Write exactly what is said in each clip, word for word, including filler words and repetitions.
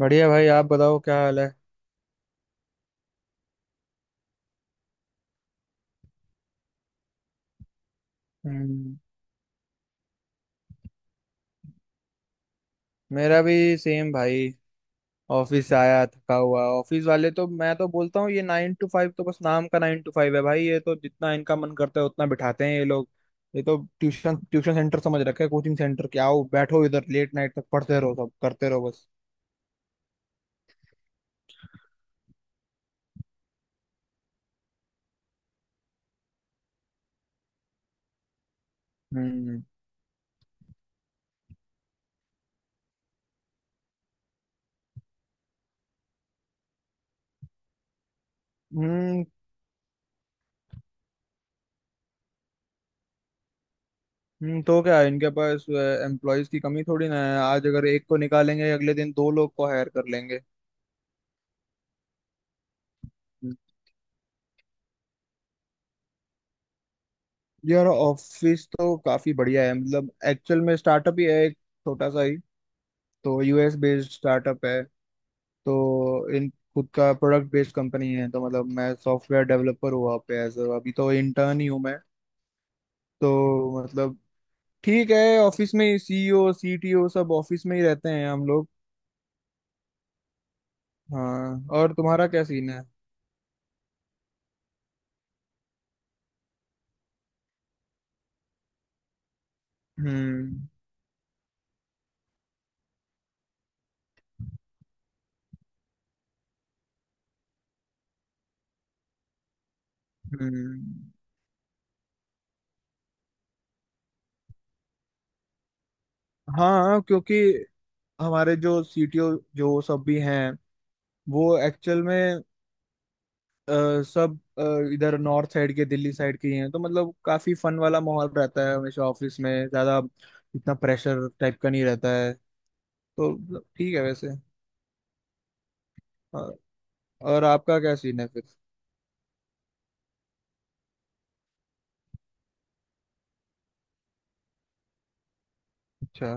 बढ़िया भाई, आप बताओ क्या हाल है। हम्म। मेरा भी सेम भाई। ऑफिस से आया थका हुआ। ऑफिस वाले, तो मैं तो बोलता हूँ ये नाइन टू फाइव तो बस नाम का नाइन टू फाइव है भाई। ये तो जितना इनका मन करता है उतना बिठाते हैं ये लोग। ये तो ट्यूशन ट्यूशन सेंटर समझ रखे, कोचिंग सेंटर के। आओ बैठो इधर, लेट नाइट तक पढ़ते रहो, सब करते रहो बस। हम्म। हम्म। हम्म, तो क्या है, इनके पास एम्प्लॉयज की कमी थोड़ी ना है। आज अगर एक को निकालेंगे अगले दिन दो लोग को हायर कर लेंगे। यार, ऑफिस तो काफी बढ़िया है। मतलब एक्चुअल में स्टार्टअप ही है एक, छोटा सा ही। तो यूएस बेस्ड स्टार्टअप है। तो इन खुद का प्रोडक्ट बेस्ड कंपनी है। तो मतलब मैं सॉफ्टवेयर डेवलपर हूँ वहाँ पे, एज अभी तो इंटर्न ही हूँ मैं। तो मतलब ठीक है, ऑफिस में सीईओ सीटीओ सब ऑफिस में ही रहते हैं हम लोग। हाँ, और तुम्हारा क्या सीन है? हम्म। हम्म। हाँ क्योंकि हमारे जो सीटीओ, जो सब भी हैं, वो एक्चुअल में अ, सब अ, इधर नॉर्थ साइड के, दिल्ली साइड के ही हैं। तो मतलब काफी फन वाला माहौल रहता है हमेशा ऑफिस में। ज्यादा इतना प्रेशर टाइप का नहीं रहता है। तो मतलब ठीक है वैसे। और, और आपका क्या सीन है फिर? अच्छा।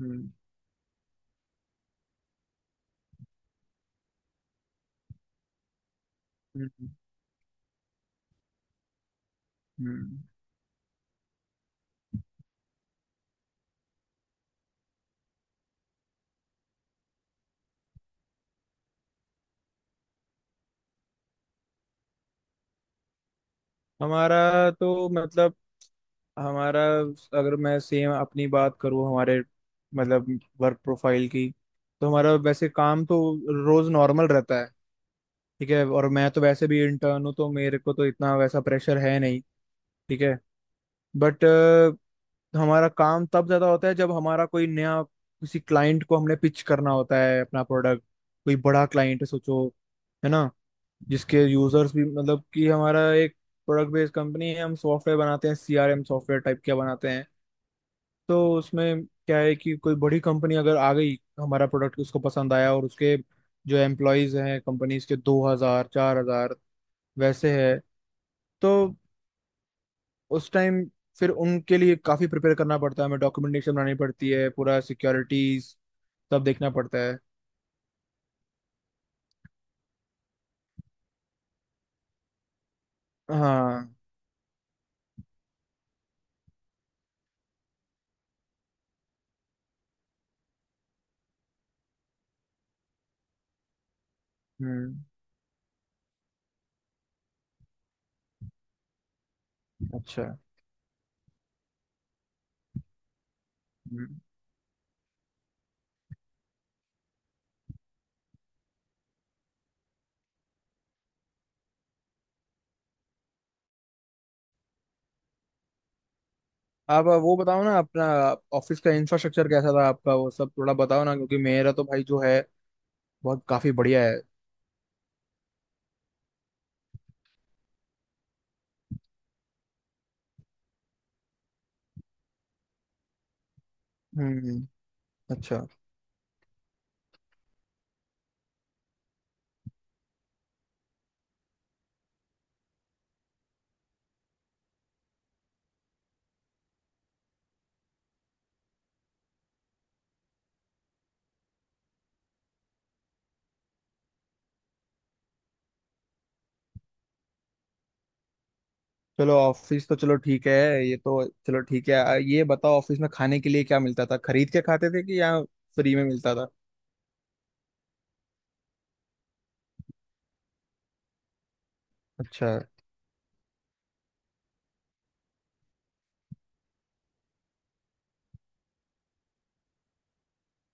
हम्म। हम्म। हम्म। हमारा तो मतलब हमारा अगर मैं सेम अपनी बात करूँ, हमारे मतलब वर्क प्रोफाइल की, तो हमारा वैसे काम तो रोज नॉर्मल रहता है। ठीक है, और मैं तो वैसे भी इंटर्न हूँ तो मेरे को तो इतना वैसा प्रेशर है नहीं। ठीक है, बट हमारा काम तब ज्यादा होता है जब हमारा कोई नया, किसी क्लाइंट को हमने पिच करना होता है अपना प्रोडक्ट। कोई बड़ा क्लाइंट है सोचो, है ना? जिसके यूजर्स भी, मतलब कि हमारा एक प्रोडक्ट बेस्ड कंपनी है, हम सॉफ्टवेयर बनाते हैं, सीआरएम सॉफ्टवेयर टाइप के बनाते हैं। तो उसमें क्या है कि कोई बड़ी कंपनी अगर आ गई, हमारा प्रोडक्ट उसको पसंद आया, और उसके जो एम्प्लॉयज हैं कंपनीज के, दो हजार चार हजार वैसे है। तो उस टाइम फिर उनके लिए काफी प्रिपेयर करना पड़ता है हमें, डॉक्यूमेंटेशन बनानी पड़ती है पूरा, सिक्योरिटीज सब देखना पड़ता है। हाँ। हम्म। अच्छा। हम्म। आप वो बताओ ना अपना, ऑफिस का इंफ्रास्ट्रक्चर कैसा था आपका, वो सब थोड़ा बताओ ना, क्योंकि मेरा तो भाई जो है बहुत काफी बढ़िया है। हम्म। अच्छा। चलो ऑफिस तो चलो ठीक है, ये तो चलो ठीक है। आ, ये बताओ ऑफिस में खाने के लिए क्या मिलता था? खरीद के खाते थे कि या फ्री में मिलता था? अच्छा।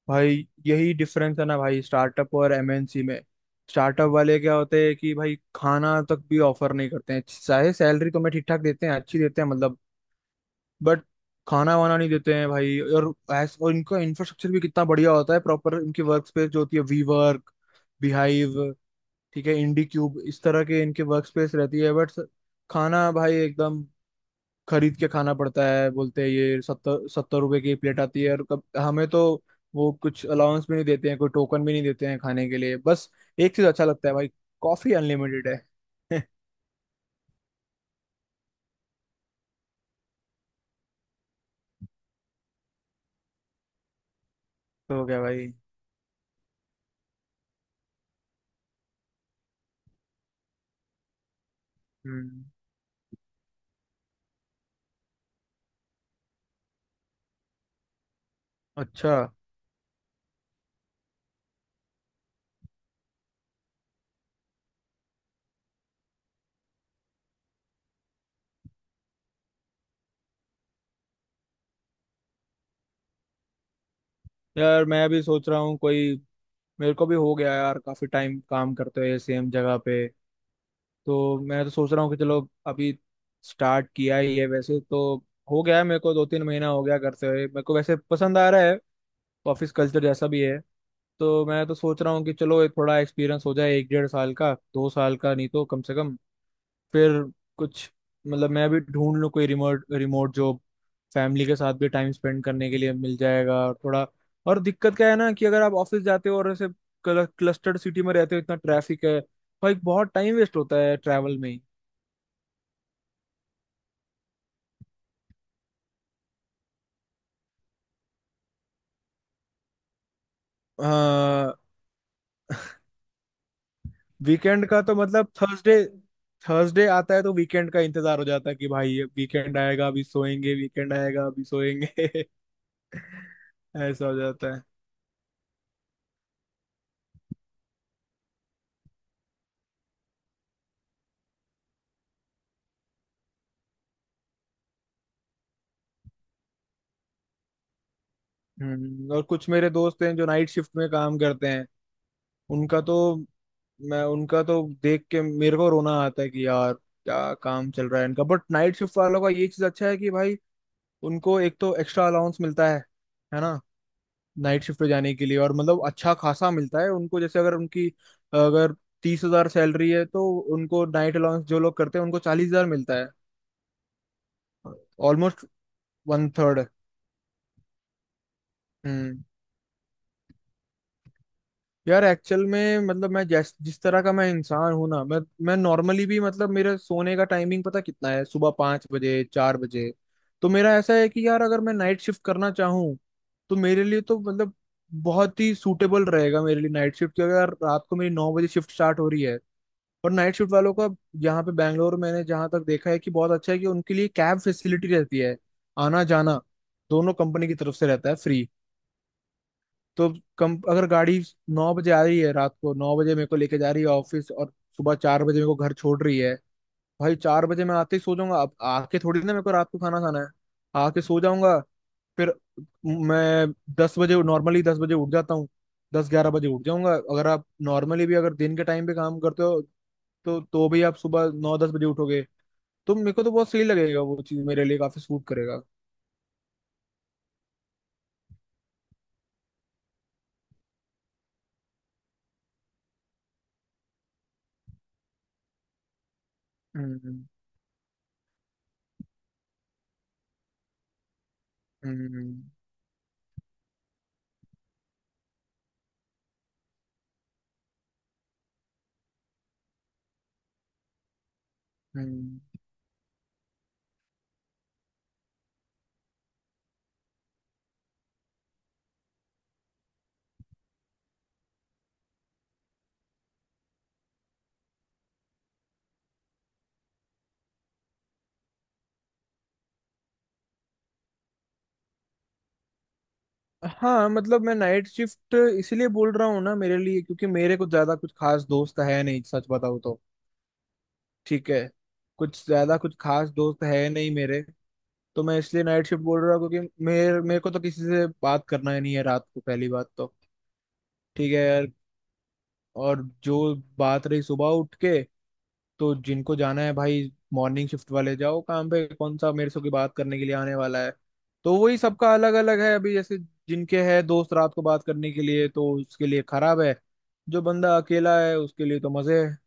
भाई यही डिफरेंस है ना भाई, स्टार्टअप और एमएनसी में। स्टार्टअप वाले क्या होते हैं कि भाई खाना तक भी ऑफर नहीं करते हैं, चाहे सैलरी तो मैं ठीक ठाक देते हैं, अच्छी देते हैं मतलब, बट खाना वाना नहीं देते हैं भाई। और ऐस- और इनका इंफ्रास्ट्रक्चर भी कितना बढ़िया होता है प्रॉपर, इनकी वर्क स्पेस जो होती है, वी वर्क, बिहाइव, ठीक है, इंडी क्यूब, इस तरह के इनके वर्क स्पेस रहती है। बट खाना भाई एकदम खरीद के खाना पड़ता है। बोलते हैं ये सत्तर सत्तर रुपए की प्लेट आती है, और कब हमें तो वो कुछ अलाउंस भी नहीं देते हैं, कोई टोकन भी नहीं देते हैं खाने के लिए बस। एक चीज अच्छा लगता है भाई, कॉफी अनलिमिटेड है। तो क्या भाई। हम्म। अच्छा। यार मैं भी सोच रहा हूँ कोई, मेरे को भी हो गया यार काफी टाइम काम करते हुए सेम जगह पे। तो मैं तो सोच रहा हूँ कि चलो, अभी स्टार्ट किया ही है वैसे तो, हो गया है मेरे को दो तीन महीना हो गया करते हुए। मेरे को वैसे पसंद आ रहा है, ऑफिस कल्चर जैसा भी है। तो मैं तो सोच रहा हूँ कि चलो एक थोड़ा एक्सपीरियंस हो जाए, एक डेढ़ साल का, दो साल का, नहीं तो कम से कम, फिर कुछ मतलब मैं अभी ढूंढ लूँ कोई रिमोट रिमोट जॉब। फैमिली के साथ भी टाइम स्पेंड करने के लिए मिल जाएगा, और थोड़ा, और दिक्कत क्या है ना कि अगर आप ऑफिस जाते हो और ऐसे क्लस्टर्ड सिटी में रहते हो, इतना ट्रैफिक है भाई, बहुत टाइम वेस्ट होता है ट्रैवल में ही। हाँ। वीकेंड का तो मतलब थर्सडे, थर्सडे आता है तो वीकेंड का इंतजार हो जाता है कि भाई अब वीकेंड आएगा अभी सोएंगे, वीकेंड आएगा अभी सोएंगे। ऐसा हो जाता है। हम्म। और कुछ मेरे दोस्त हैं जो नाइट शिफ्ट में काम करते हैं। उनका तो, मैं उनका तो देख के मेरे को रोना आता है कि यार क्या काम चल रहा है इनका। बट नाइट शिफ्ट वालों का ये चीज अच्छा है कि भाई उनको एक तो एक्स्ट्रा अलाउंस मिलता है है ना, नाइट शिफ्ट पे जाने के लिए। और मतलब अच्छा खासा मिलता है उनको। जैसे अगर उनकी, अगर तीस हजार सैलरी है तो उनको, नाइट अलाउंस जो लोग करते हैं उनको, चालीस हजार मिलता है। Almost one third. यार एक्चुअल में मतलब मैं जैस जिस तरह का मैं इंसान हूं ना, मैं मैं नॉर्मली भी मतलब, मेरे सोने का टाइमिंग पता कितना है, सुबह पाँच बजे, चार बजे। तो मेरा ऐसा है कि यार, अगर मैं नाइट शिफ्ट करना चाहूँ तो मेरे लिए तो मतलब बहुत ही सूटेबल रहेगा मेरे लिए नाइट शिफ्ट। क्योंकि अगर रात को मेरी नौ बजे शिफ्ट स्टार्ट हो रही है, और नाइट शिफ्ट वालों का यहाँ पे बैंगलोर मैंने जहाँ तक देखा है कि बहुत अच्छा है कि उनके लिए कैब फैसिलिटी रहती है, आना जाना दोनों कंपनी की तरफ से रहता है फ्री। तो कम, अगर गाड़ी नौ बजे आ रही है, रात को नौ बजे मेरे को लेके जा रही है ऑफिस और सुबह चार बजे मेरे को घर छोड़ रही है, भाई चार बजे मैं आते ही सो जाऊंगा। अब आके थोड़ी ना मेरे को रात को खाना खाना है। आके सो जाऊंगा, फिर मैं दस बजे, नॉर्मली दस बजे उठ जाता हूँ, दस ग्यारह बजे उठ जाऊंगा। अगर आप नॉर्मली भी अगर दिन के टाइम पे काम करते हो तो तो भी आप सुबह नौ दस बजे उठोगे। तो मेरे को तो बहुत सही लगेगा वो चीज़, मेरे लिए काफी सूट करेगा। हम्म। हम्म। हम्म। हाँ मतलब मैं नाइट शिफ्ट इसीलिए बोल रहा हूँ ना मेरे लिए, क्योंकि मेरे कुछ ज्यादा कुछ खास दोस्त है नहीं, सच बताऊँ तो। ठीक है, कुछ ज्यादा कुछ खास दोस्त है नहीं मेरे। तो मैं इसलिए नाइट शिफ्ट बोल रहा हूँ क्योंकि मेरे मेरे को तो किसी से बात करना ही नहीं है रात को, पहली बात तो। ठीक है यार। और जो बात रही सुबह उठ के, तो जिनको जाना है भाई, मॉर्निंग शिफ्ट वाले जाओ काम पे, कौन सा मेरे से कोई बात करने के लिए आने वाला है। तो वही सबका अलग अलग है। अभी जैसे जिनके है दोस्त रात को बात करने के लिए तो उसके लिए खराब है। जो बंदा अकेला है उसके लिए तो मजे है।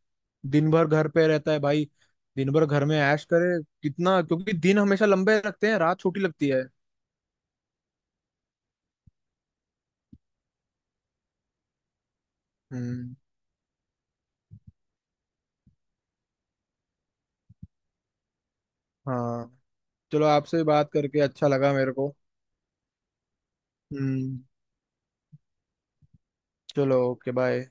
दिन भर घर पे रहता है भाई, दिन भर घर में ऐश करे कितना, क्योंकि दिन हमेशा लंबे लगते हैं, रात छोटी लगती है। हम्म। हाँ। चलो आपसे बात करके अच्छा लगा मेरे को। हम्म। चलो ओके, बाय।